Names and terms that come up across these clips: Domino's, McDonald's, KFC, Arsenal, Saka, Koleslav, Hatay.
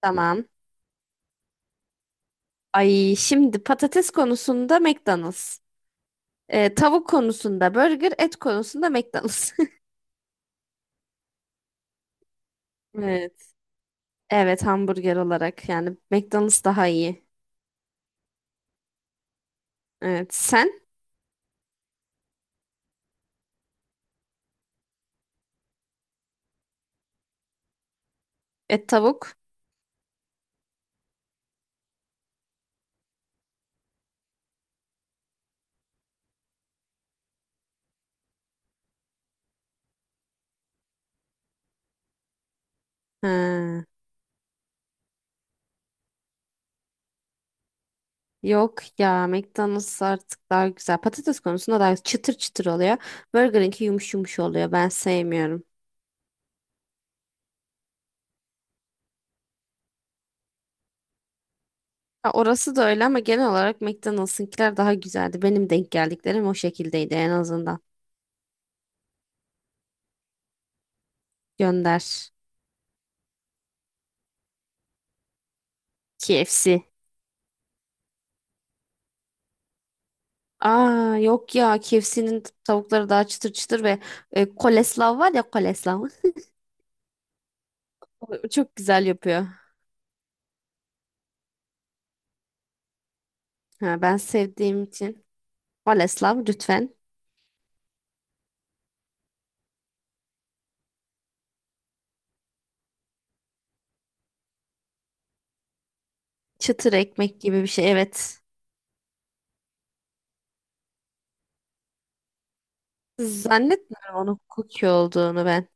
Tamam. Ay şimdi patates konusunda McDonald's. Tavuk konusunda burger, et konusunda McDonald's. Evet. Evet hamburger olarak yani McDonald's daha iyi. Evet sen et tavuk. Ha, yok ya McDonald's artık daha güzel. Patates konusunda daha çıtır çıtır oluyor. Burger'inki yumuş yumuş oluyor. Ben sevmiyorum. Ha, orası da öyle ama genel olarak McDonald's'ınkiler daha güzeldi. Benim denk geldiklerim o şekildeydi en azından. Gönder. KFC. Aa yok ya KFC'nin tavukları daha çıtır çıtır ve Koleslav var ya Koleslav. O çok güzel yapıyor. Ha, ben sevdiğim için. Koleslav lütfen. Çıtır ekmek gibi bir şey. Evet. Zannetmiyorum onun cookie olduğunu ben.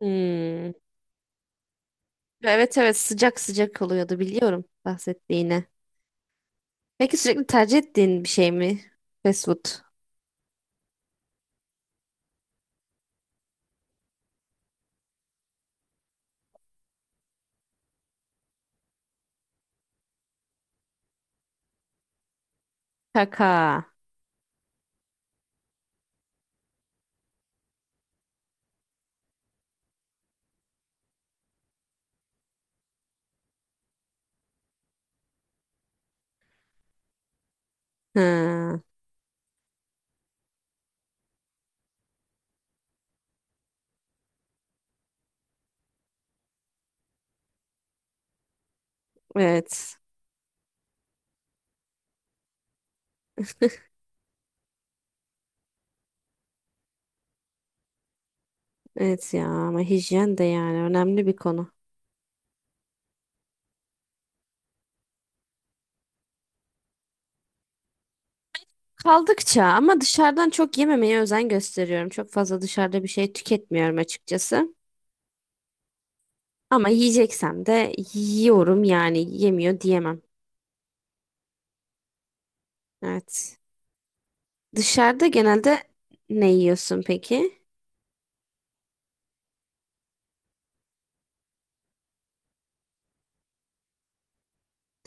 Hmm. Evet evet sıcak sıcak oluyordu biliyorum bahsettiğini. Peki sürekli tercih ettiğin bir şey mi? Fast food. Kaka. Ha, evet. Evet ya ama hijyen de yani önemli bir konu. Kaldıkça ama dışarıdan çok yememeye özen gösteriyorum. Çok fazla dışarıda bir şey tüketmiyorum açıkçası. Ama yiyeceksem de yiyorum yani yemiyor diyemem. Evet. Dışarıda genelde ne yiyorsun peki?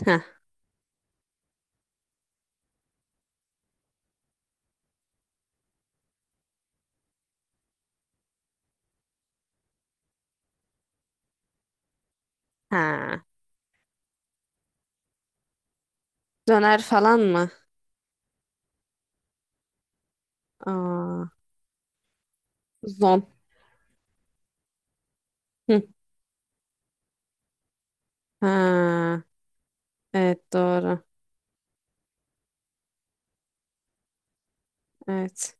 Ha, ha. Döner falan mı? Aa, zon. Hı. Ha, evet doğru. Evet.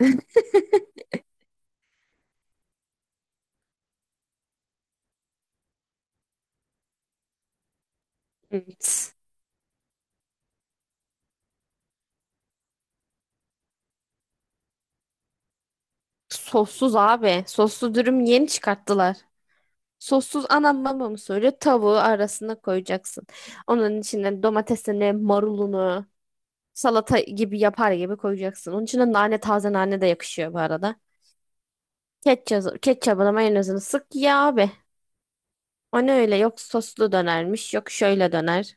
Evet. Sossuz abi. Soslu dürüm yeni çıkarttılar. Sossuz anam bana onu söylüyor. Tavuğu arasına koyacaksın. Onun içine domatesini, marulunu, salata gibi yapar gibi koyacaksın. Onun içine nane, taze nane de yakışıyor bu arada. Ketçap, ketçabına mayonezini sık ya abi. O ne öyle? Yok soslu dönermiş, yok şöyle döner.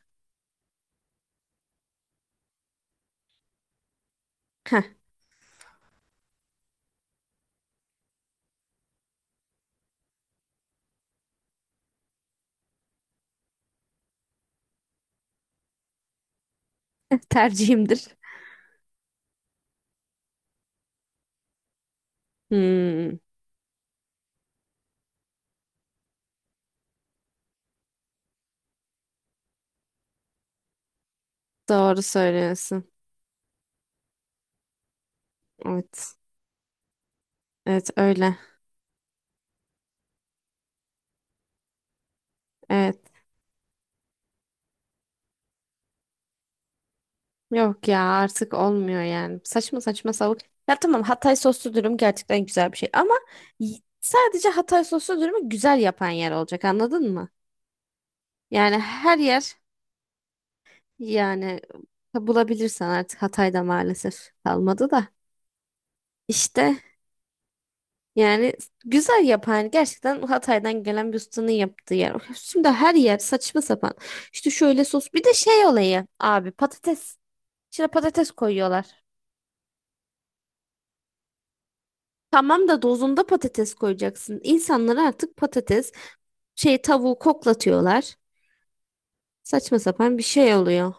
Heh, tercihimdir. Hmm, doğru söylüyorsun. Evet. Evet öyle. Evet. Yok ya artık olmuyor yani. Saçma saçma savuk. Ya tamam Hatay soslu dürüm gerçekten güzel bir şey ama sadece Hatay soslu dürümü güzel yapan yer olacak anladın mı? Yani her yer yani bulabilirsen artık Hatay'da maalesef kalmadı da. İşte yani güzel yapan gerçekten Hatay'dan gelen bir ustanın yaptığı yer. Şimdi her yer saçma sapan. İşte şöyle sos bir de şey olayı abi patates. İçine patates koyuyorlar. Tamam da dozunda patates koyacaksın. İnsanlar artık patates, şey tavuğu koklatıyorlar. Saçma sapan bir şey oluyor.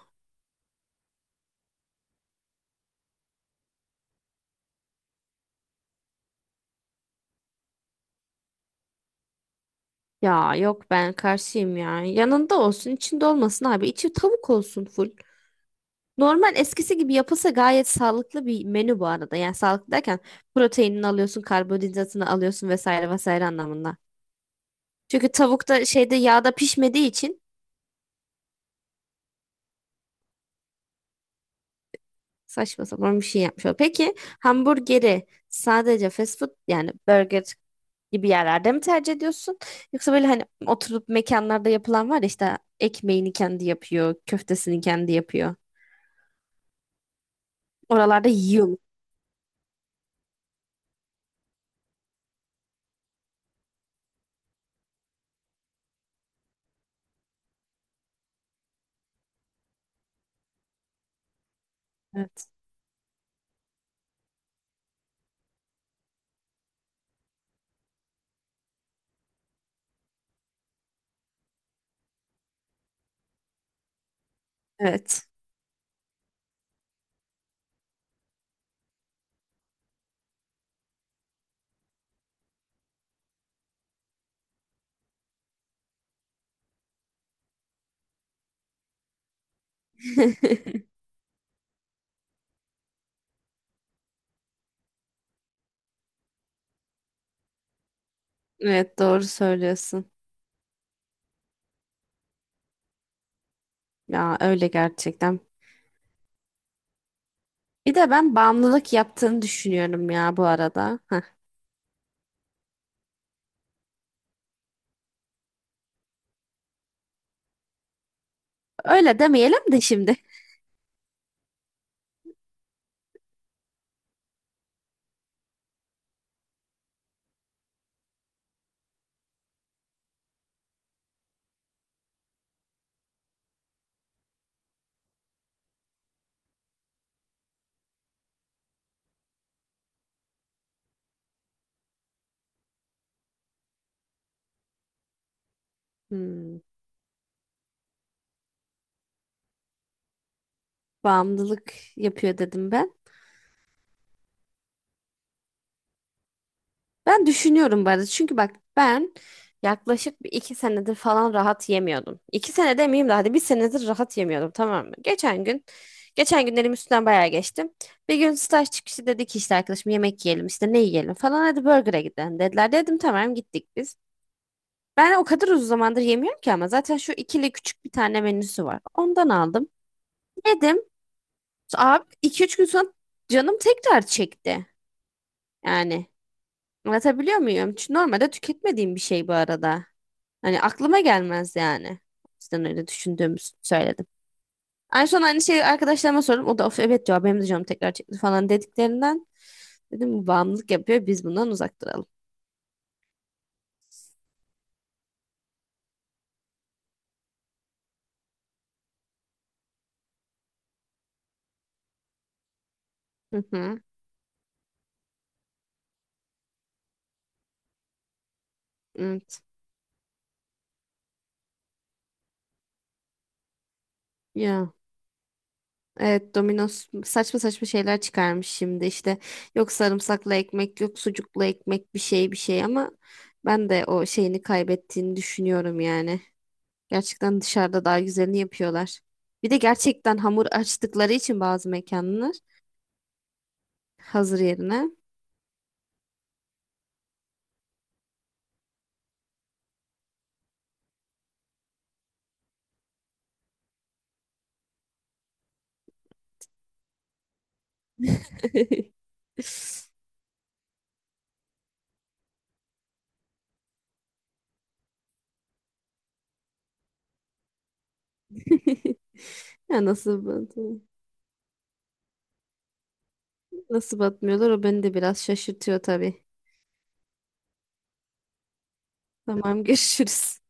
Ya yok ben karşıyım ya. Yanında olsun, içinde olmasın abi. İçi tavuk olsun full. Normal eskisi gibi yapılsa gayet sağlıklı bir menü bu arada. Yani sağlıklı derken proteinini alıyorsun, karbonhidratını alıyorsun vesaire vesaire anlamında. Çünkü tavuk da şeyde yağda pişmediği için saçma sapan bir şey yapmış oluyor. Peki hamburgeri sadece fast food yani burger gibi yerlerde mi tercih ediyorsun? Yoksa böyle hani oturup mekanlarda yapılan var ya işte ekmeğini kendi yapıyor, köftesini kendi yapıyor. Oralarda yiyor mu? Evet. Evet. Evet doğru söylüyorsun. Ya öyle gerçekten. Bir de ben bağımlılık yaptığını düşünüyorum ya bu arada. Heh. Öyle demeyelim de şimdi. Hmm, bağımlılık yapıyor dedim ben. Ben düşünüyorum bu arada. Çünkü bak ben yaklaşık bir iki senedir falan rahat yemiyordum. İki sene demeyeyim de hadi bir senedir rahat yemiyordum tamam mı? Geçen günlerim üstünden bayağı geçtim. Bir gün staj çıkışı dedik ki işte arkadaşım yemek yiyelim işte ne yiyelim falan hadi burger'a gidelim dediler. Dedim tamam gittik biz. Ben o kadar uzun zamandır yemiyorum ki ama zaten şu ikili küçük bir tane menüsü var. Ondan aldım. Yedim. Abi iki üç gün sonra canım tekrar çekti. Yani anlatabiliyor muyum? Çünkü normalde tüketmediğim bir şey bu arada. Hani aklıma gelmez yani. O yüzden öyle düşündüğümü söyledim. En son aynı şeyi arkadaşlarıma sordum. O da of evet diyor benim de canım tekrar çekti falan dediklerinden. Dedim bu bağımlılık yapıyor biz bundan uzak duralım. Hı hı. Evet. Ya. Evet Domino's saçma saçma şeyler çıkarmış şimdi işte yok sarımsaklı ekmek yok sucuklu ekmek bir şey bir şey ama ben de o şeyini kaybettiğini düşünüyorum yani. Gerçekten dışarıda daha güzelini yapıyorlar. Bir de gerçekten hamur açtıkları için bazı mekanlar hazır yerine Ya nasıl batmıyorlar o beni de biraz şaşırtıyor tabii. Tamam görüşürüz.